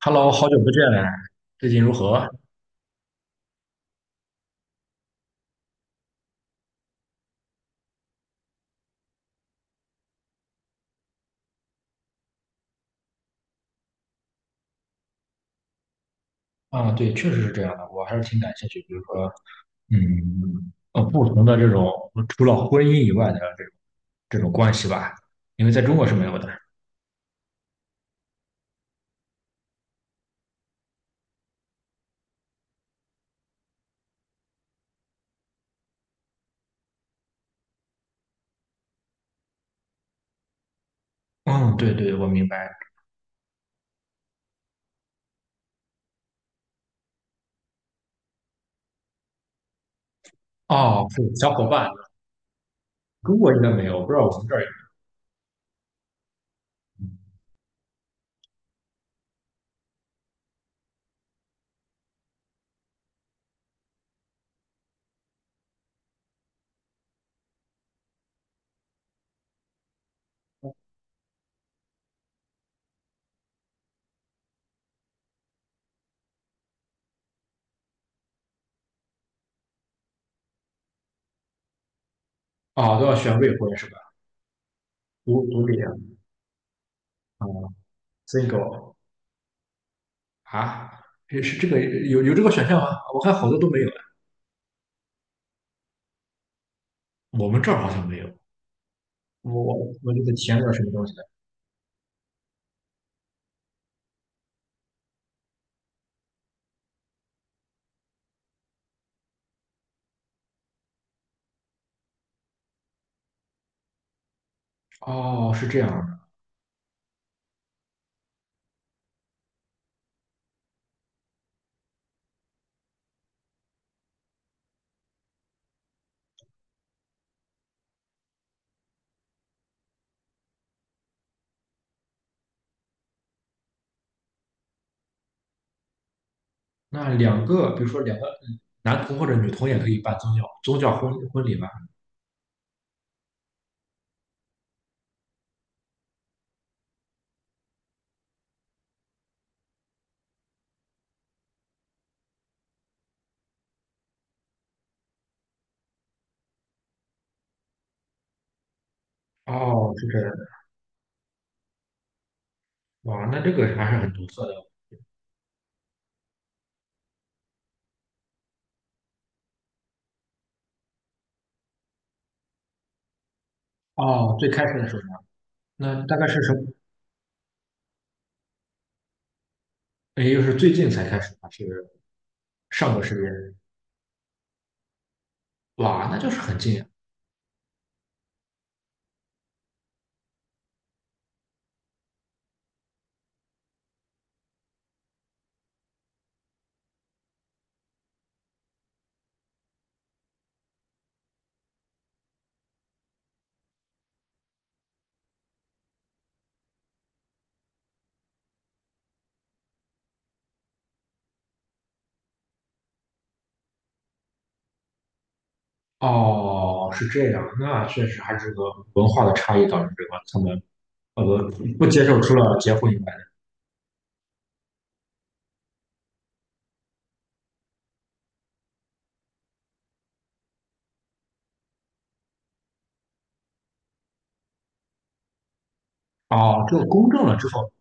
Hello，好久不见，最近如何？啊，对，确实是这样的，我还是挺感兴趣。比如说，不同的这种除了婚姻以外的这种关系吧，因为在中国是没有的。嗯，对对，我明白。哦，是小伙伴，中国应该没有，不知道我们这儿有。哦，都要选未婚是吧？独立啊，single 啊，也是这个有这个选项吗？我看好多都没有，我们这儿好像没有。我我就得填点什么东西的？哦，是这样。那两个，比如说两个男童或者女童也可以办宗教婚礼吧？哦，是这样的。哇，那这个还是很独特的。哦，最开始的时候呢，那大概是什么？也就是最近才开始还是上个世纪？哇，那就是很近啊。哦，是这样，那确实还是个文化的差异导致这个他们呃不接受除了结婚以外的。哦，只有公证了之后，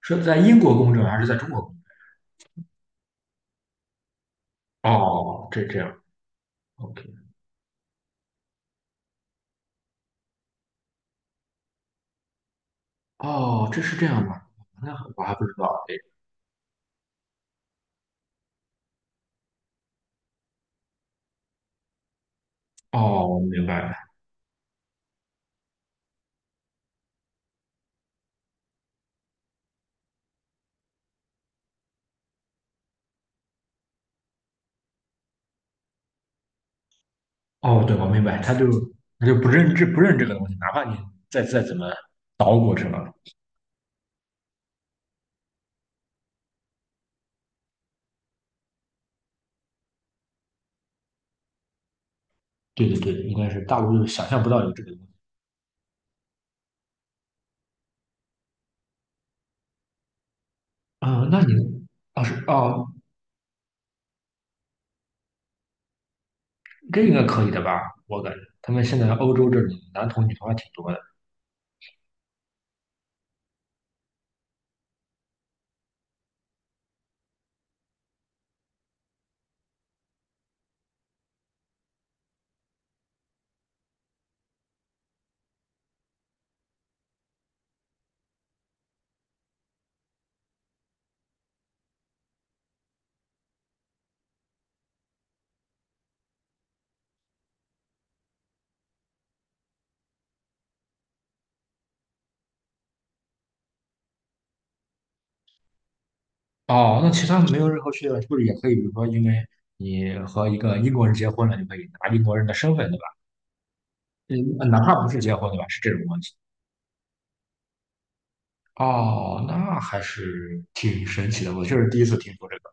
是在英国公证还是在中国公证？哦，这这样。o k 哦，这是这样吗？那我还不知道。哎，哦，我明白了。哦，对，我明白，他就他就不认这个东西，哪怕你再怎么捣鼓什么。对对对，应该是大陆就想象不到有这个东西。嗯，那你哦是哦，这应该可以的吧？我感觉他们现在欧洲这里男同女同还挺多的。哦，那其他没有任何区别，是不是也可以？比如说，因为你和一个英国人结婚了，你可以拿英国人的身份，对吧？嗯，哪怕不是结婚，对吧？是这种关系。哦，那还是挺神奇的，我确实第一次听说这个。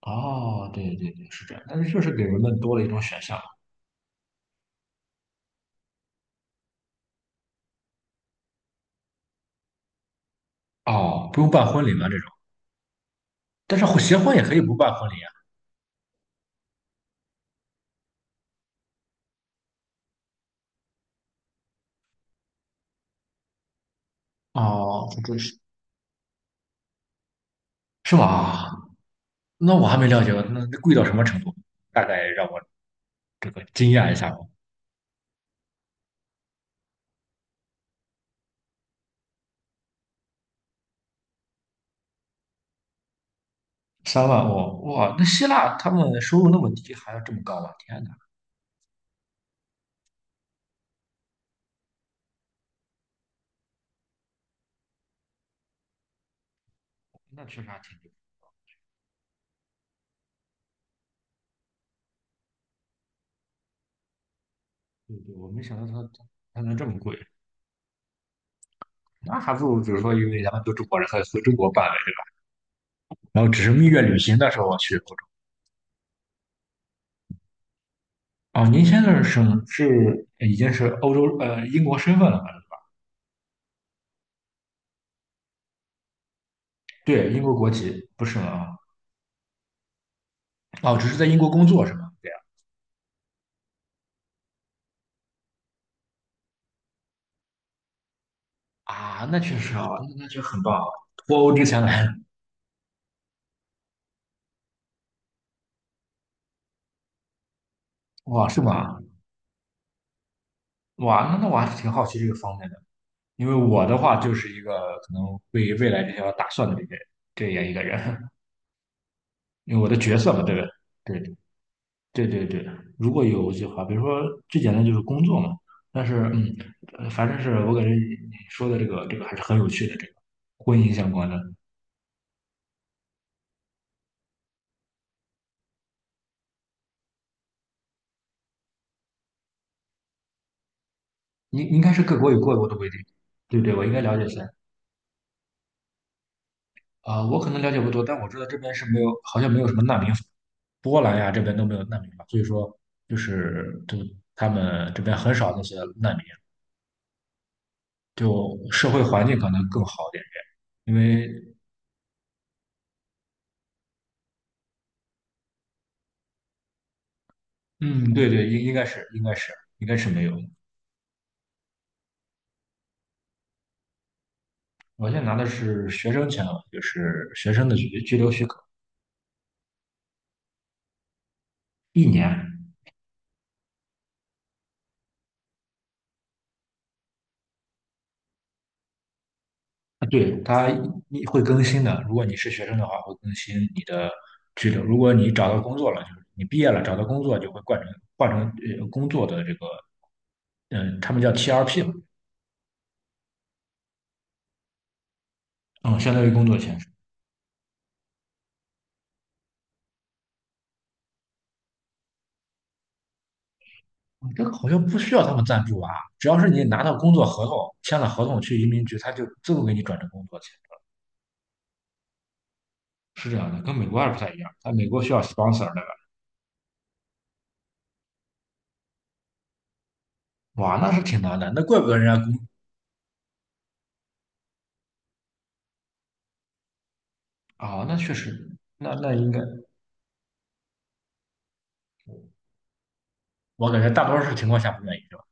哦，对对对，是这样，但是确实给人们多了一种选项。哦，不用办婚礼吗？这种，但是结婚也可以不办婚礼啊。哦，这这是。是吗？那我还没了解过，那那贵到什么程度？大概让我这个惊讶一下吧。三万哦，哇，那希腊他们收入那么低，还要这么高啊？天哪，那确实还挺低。对对，我没想到他它能这么贵，那还不如比如说，因为咱们都中国人，还回中国办呗。然后只是蜜月旅行的时候我去欧洲。哦，您现在是是已经是欧洲英国身份了吧？对，英国国籍不是吗？哦，只是在英国工作是吗？对。啊，那确实啊，那那确实很棒。啊！脱欧之前来，哇，是吗？哇，那那我还是挺好奇这个方面的，因为我的话就是一个可能未来这些打算的这个这样一个人，因为我的角色嘛，对不对。对对对，如果有计划，比如说最简单就是工作嘛，但是嗯，反正是我感觉你你说的这个还是很有趣的，这个婚姻相关的，应应该是各国有各国的规定，对不对？我应该了解一下。啊、我可能了解不多，但我知道这边是没有，好像没有什么难民法。波兰呀这边都没有难民法，所以说就是就他们这边很少那些难民，就社会环境可能更好一点，因为嗯，对对，应该是没有。我现在拿的是学生签了，就是学生的居留许可，一年。啊，对，它一会更新的。如果你是学生的话，会更新你的居留。如果你找到工作了，就是你毕业了找到工作，就会换成工作的这个，嗯，他们叫 TRP 嘛，嗯，相当于工作签证。嗯，这个好像不需要他们赞助吧？只要是你拿到工作合同，签了合同去移民局，他就自动给你转成工作签证。是这样的，跟美国还不太一样。在美国需要 sponsor 的吧，哇，那是挺难的。那怪不得人家啊，那确实，那那应该，我感觉大多数情况下不愿意，对吧？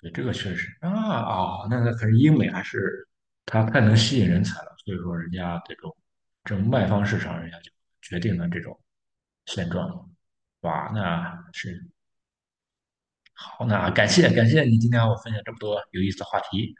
对，这个确实啊。啊，那那可是英美还是它太能吸引人才了，所以说人家这种这种卖方市场，人家就决定了这种现状。哇，那是好，那感谢感谢你今天和我分享这么多有意思的话题。